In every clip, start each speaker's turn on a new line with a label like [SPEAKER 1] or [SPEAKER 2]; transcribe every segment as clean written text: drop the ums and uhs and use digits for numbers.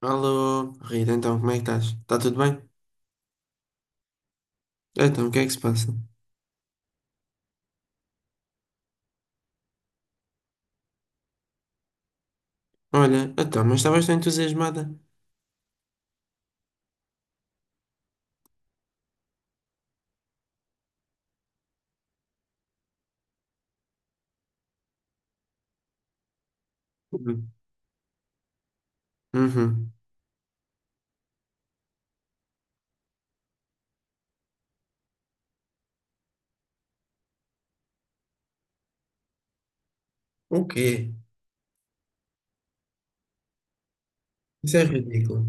[SPEAKER 1] Alô, Rita, então como é que estás? Está tudo bem? Então, o que é que se passa? Olha, então, mas estavas tão entusiasmada. Uhum. Uhum. O quê? Isso é ridículo.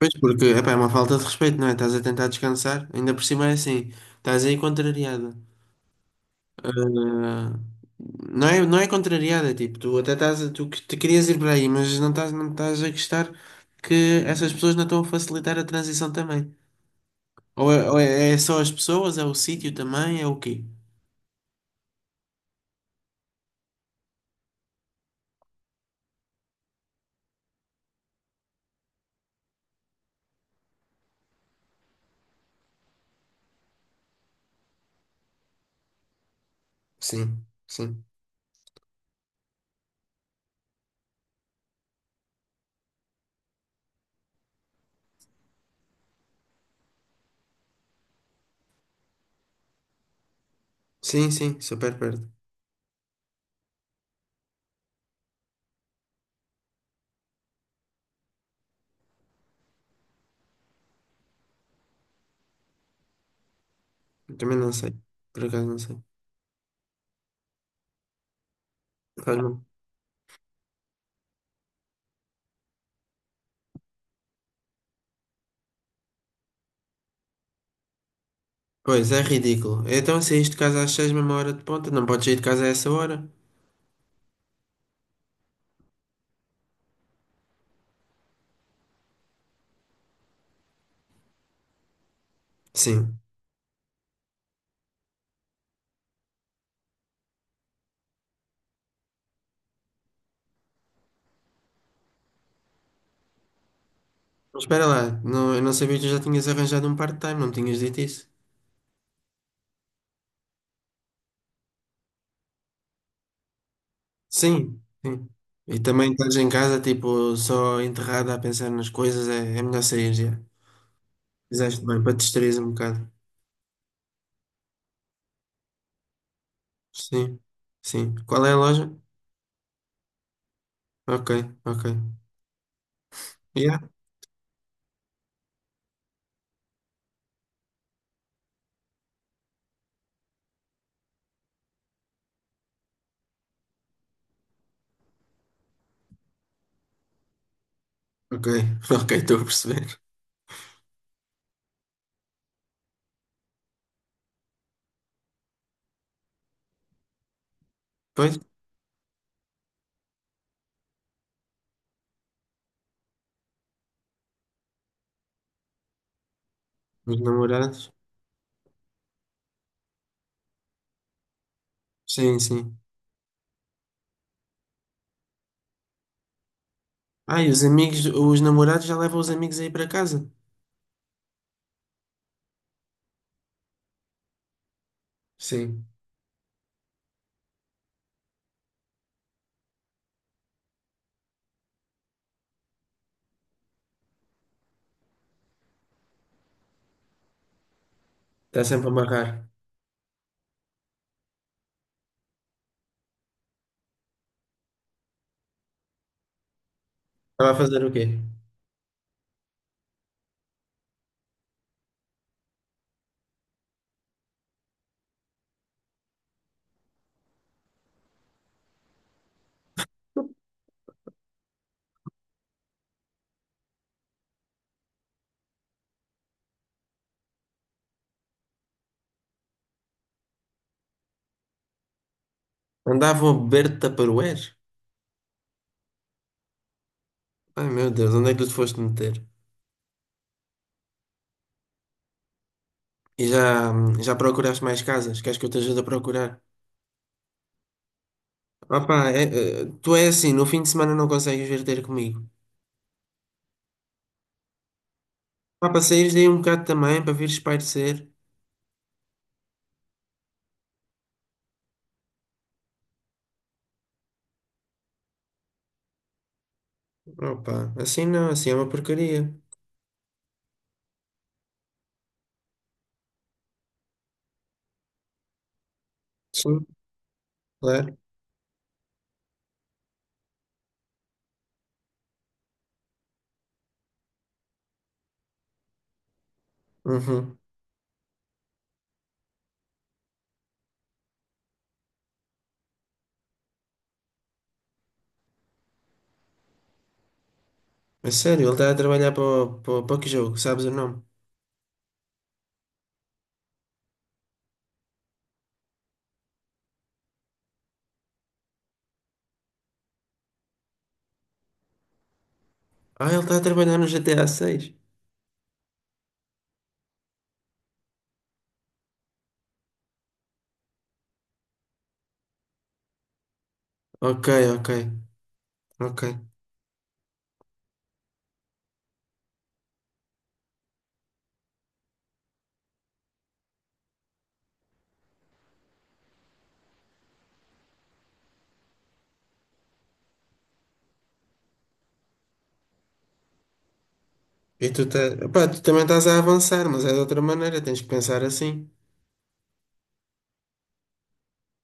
[SPEAKER 1] Pois porque, epá, é uma falta de respeito, não é? Estás a tentar descansar, ainda por cima é assim, estás aí contrariada. Ah, não é, não é contrariada, tipo, tu até estás, tu que te querias ir para aí, mas não estás a gostar que essas pessoas não estão a facilitar a transição também. Ou é só as pessoas, é o sítio também, é o quê? Sim, sim. Sim, sim, super perto. Eu também não sei. Por acaso não sei. Faz mal. Pois, é ridículo. Então saíste de casa às seis, mesma hora de ponta, não podes sair de casa a essa hora? Sim. Mas espera lá, não, eu não sabia que tu já tinhas arranjado um part-time, não me tinhas dito isso? Sim, sim. E também estás em casa, tipo, só enterrada a pensar nas coisas, é, é melhor sair já. Fizeste bem, para te distrair um bocado. Sim, sim. Qual é a loja? Ok, ok. Yeah? Ok, ok, estou a perceber. Pois. Os namorados? Sim, sim. Ah, e os amigos, os namorados já levam os amigos aí para casa? Sim. Está sempre a amarrar. Estava a fazer o quê? Andavam a beber Tupperware? Ai meu Deus, onde é que tu te foste meter? E já, já procuraste mais casas? Queres que eu te ajude a procurar? Opa, é, tu é assim, no fim de semana não consegues vir ter comigo. Pá, para saíres daí um bocado também, para vires espairecer. Opa, assim não, assim é uma porcaria. Sim, claro. Uhum. É sério, ele está a trabalhar para, para, para que jogo? Sabes o nome? Ah, ele está a trabalhar no GTA 6. Ok, ok, ok. E tu, tá... Epá, tu também estás a avançar, mas é de outra maneira, tens que pensar assim.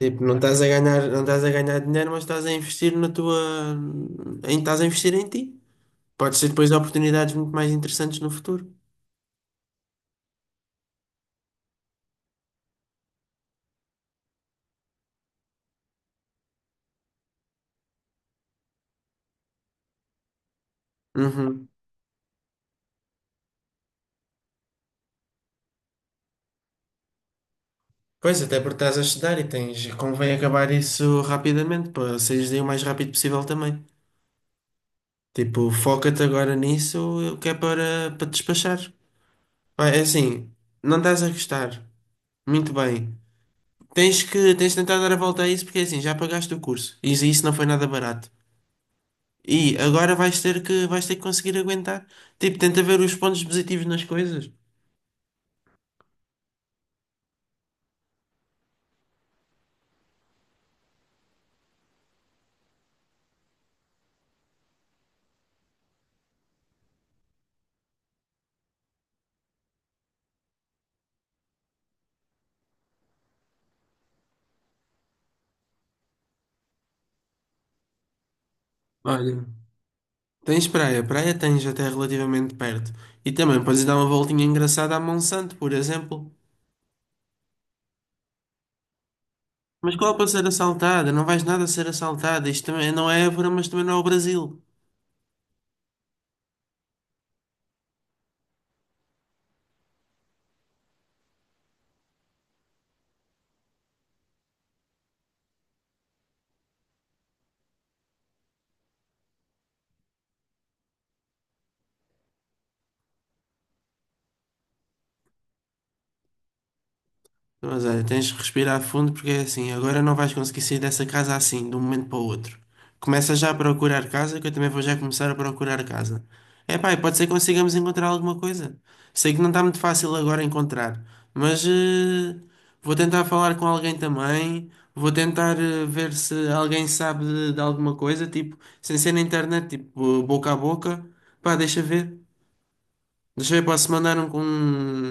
[SPEAKER 1] Tipo, não estás a ganhar, não estás a ganhar dinheiro, mas estás a investir na tua. Em, estás a investir em ti. Pode ser depois oportunidades muito mais interessantes no futuro. Uhum. Pois, até porque estás a estudar e tens. Convém acabar isso rapidamente, para saíres daí o mais rápido possível também. Tipo, foca-te agora nisso, que é para te despachar. Ah, é assim, não estás a gostar. Muito bem. Tens de tentar dar a volta a isso porque é assim, já pagaste o curso. E isso não foi nada barato. E agora vais ter que conseguir aguentar. Tipo, tenta ver os pontos positivos nas coisas. Olha, tens praia. Praia tens até relativamente perto. E também podes dar uma voltinha engraçada à Monsanto, por exemplo. Mas qual é para ser assaltada? Não vais nada ser assaltada. Isto também não é Évora, mas também não é o Brasil. Mas olha, tens de respirar fundo porque é assim, agora não vais conseguir sair dessa casa assim, de um momento para o outro. Começa já a procurar casa, que eu também vou já começar a procurar casa. É pá, e pode ser que consigamos encontrar alguma coisa. Sei que não está muito fácil agora encontrar, mas vou tentar falar com alguém também. Vou tentar ver se alguém sabe de alguma coisa, tipo, sem ser na internet, tipo, boca a boca. Pá, deixa ver. Deixa eu ver, posso mandar um,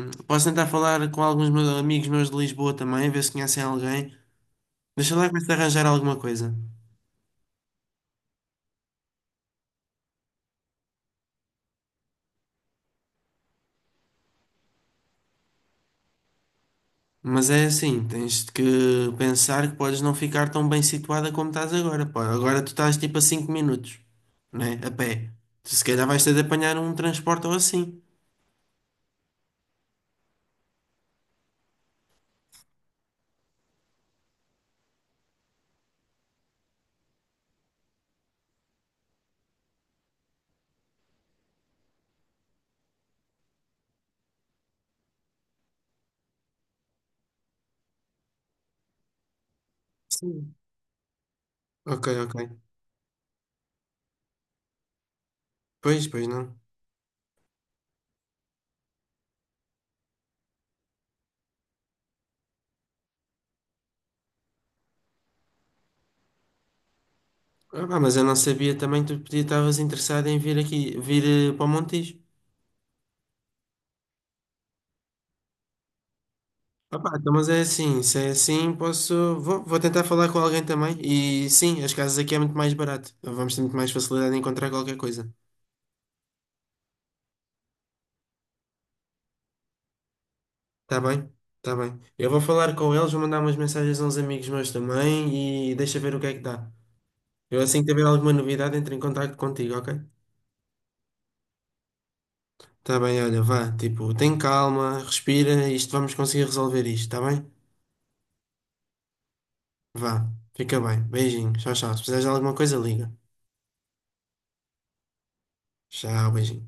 [SPEAKER 1] um- posso tentar falar com alguns meus amigos meus de Lisboa também, ver se conhecem alguém. Deixa lá começar a arranjar alguma coisa. Mas é assim, tens de que pensar que podes não ficar tão bem situada como estás agora, pá. Agora tu estás tipo a 5 minutos, né? A pé. Tu se calhar vais ter de apanhar um transporte ou assim. Sim. Ok, ok. Pois, pois não. Ah, pá, mas eu não sabia também que tu podia estavas interessado em vir aqui, vir para o Montijo. Opa, então, mas é assim, se é assim, posso. Vou tentar falar com alguém também. E sim, as casas aqui é muito mais barato. Então, vamos ter muito mais facilidade em encontrar qualquer coisa. Tá bem? Tá bem. Eu vou falar com eles, vou mandar umas mensagens a uns amigos meus também e deixa ver o que é que dá. Eu assim que tiver alguma novidade, entro em contacto contigo, ok? Tá bem, olha, vá. Tipo, tem calma, respira, isto vamos conseguir resolver isto, tá bem? Vá. Fica bem. Beijinho. Tchau, tchau. Se precisares de alguma coisa, liga. Tchau, beijinho.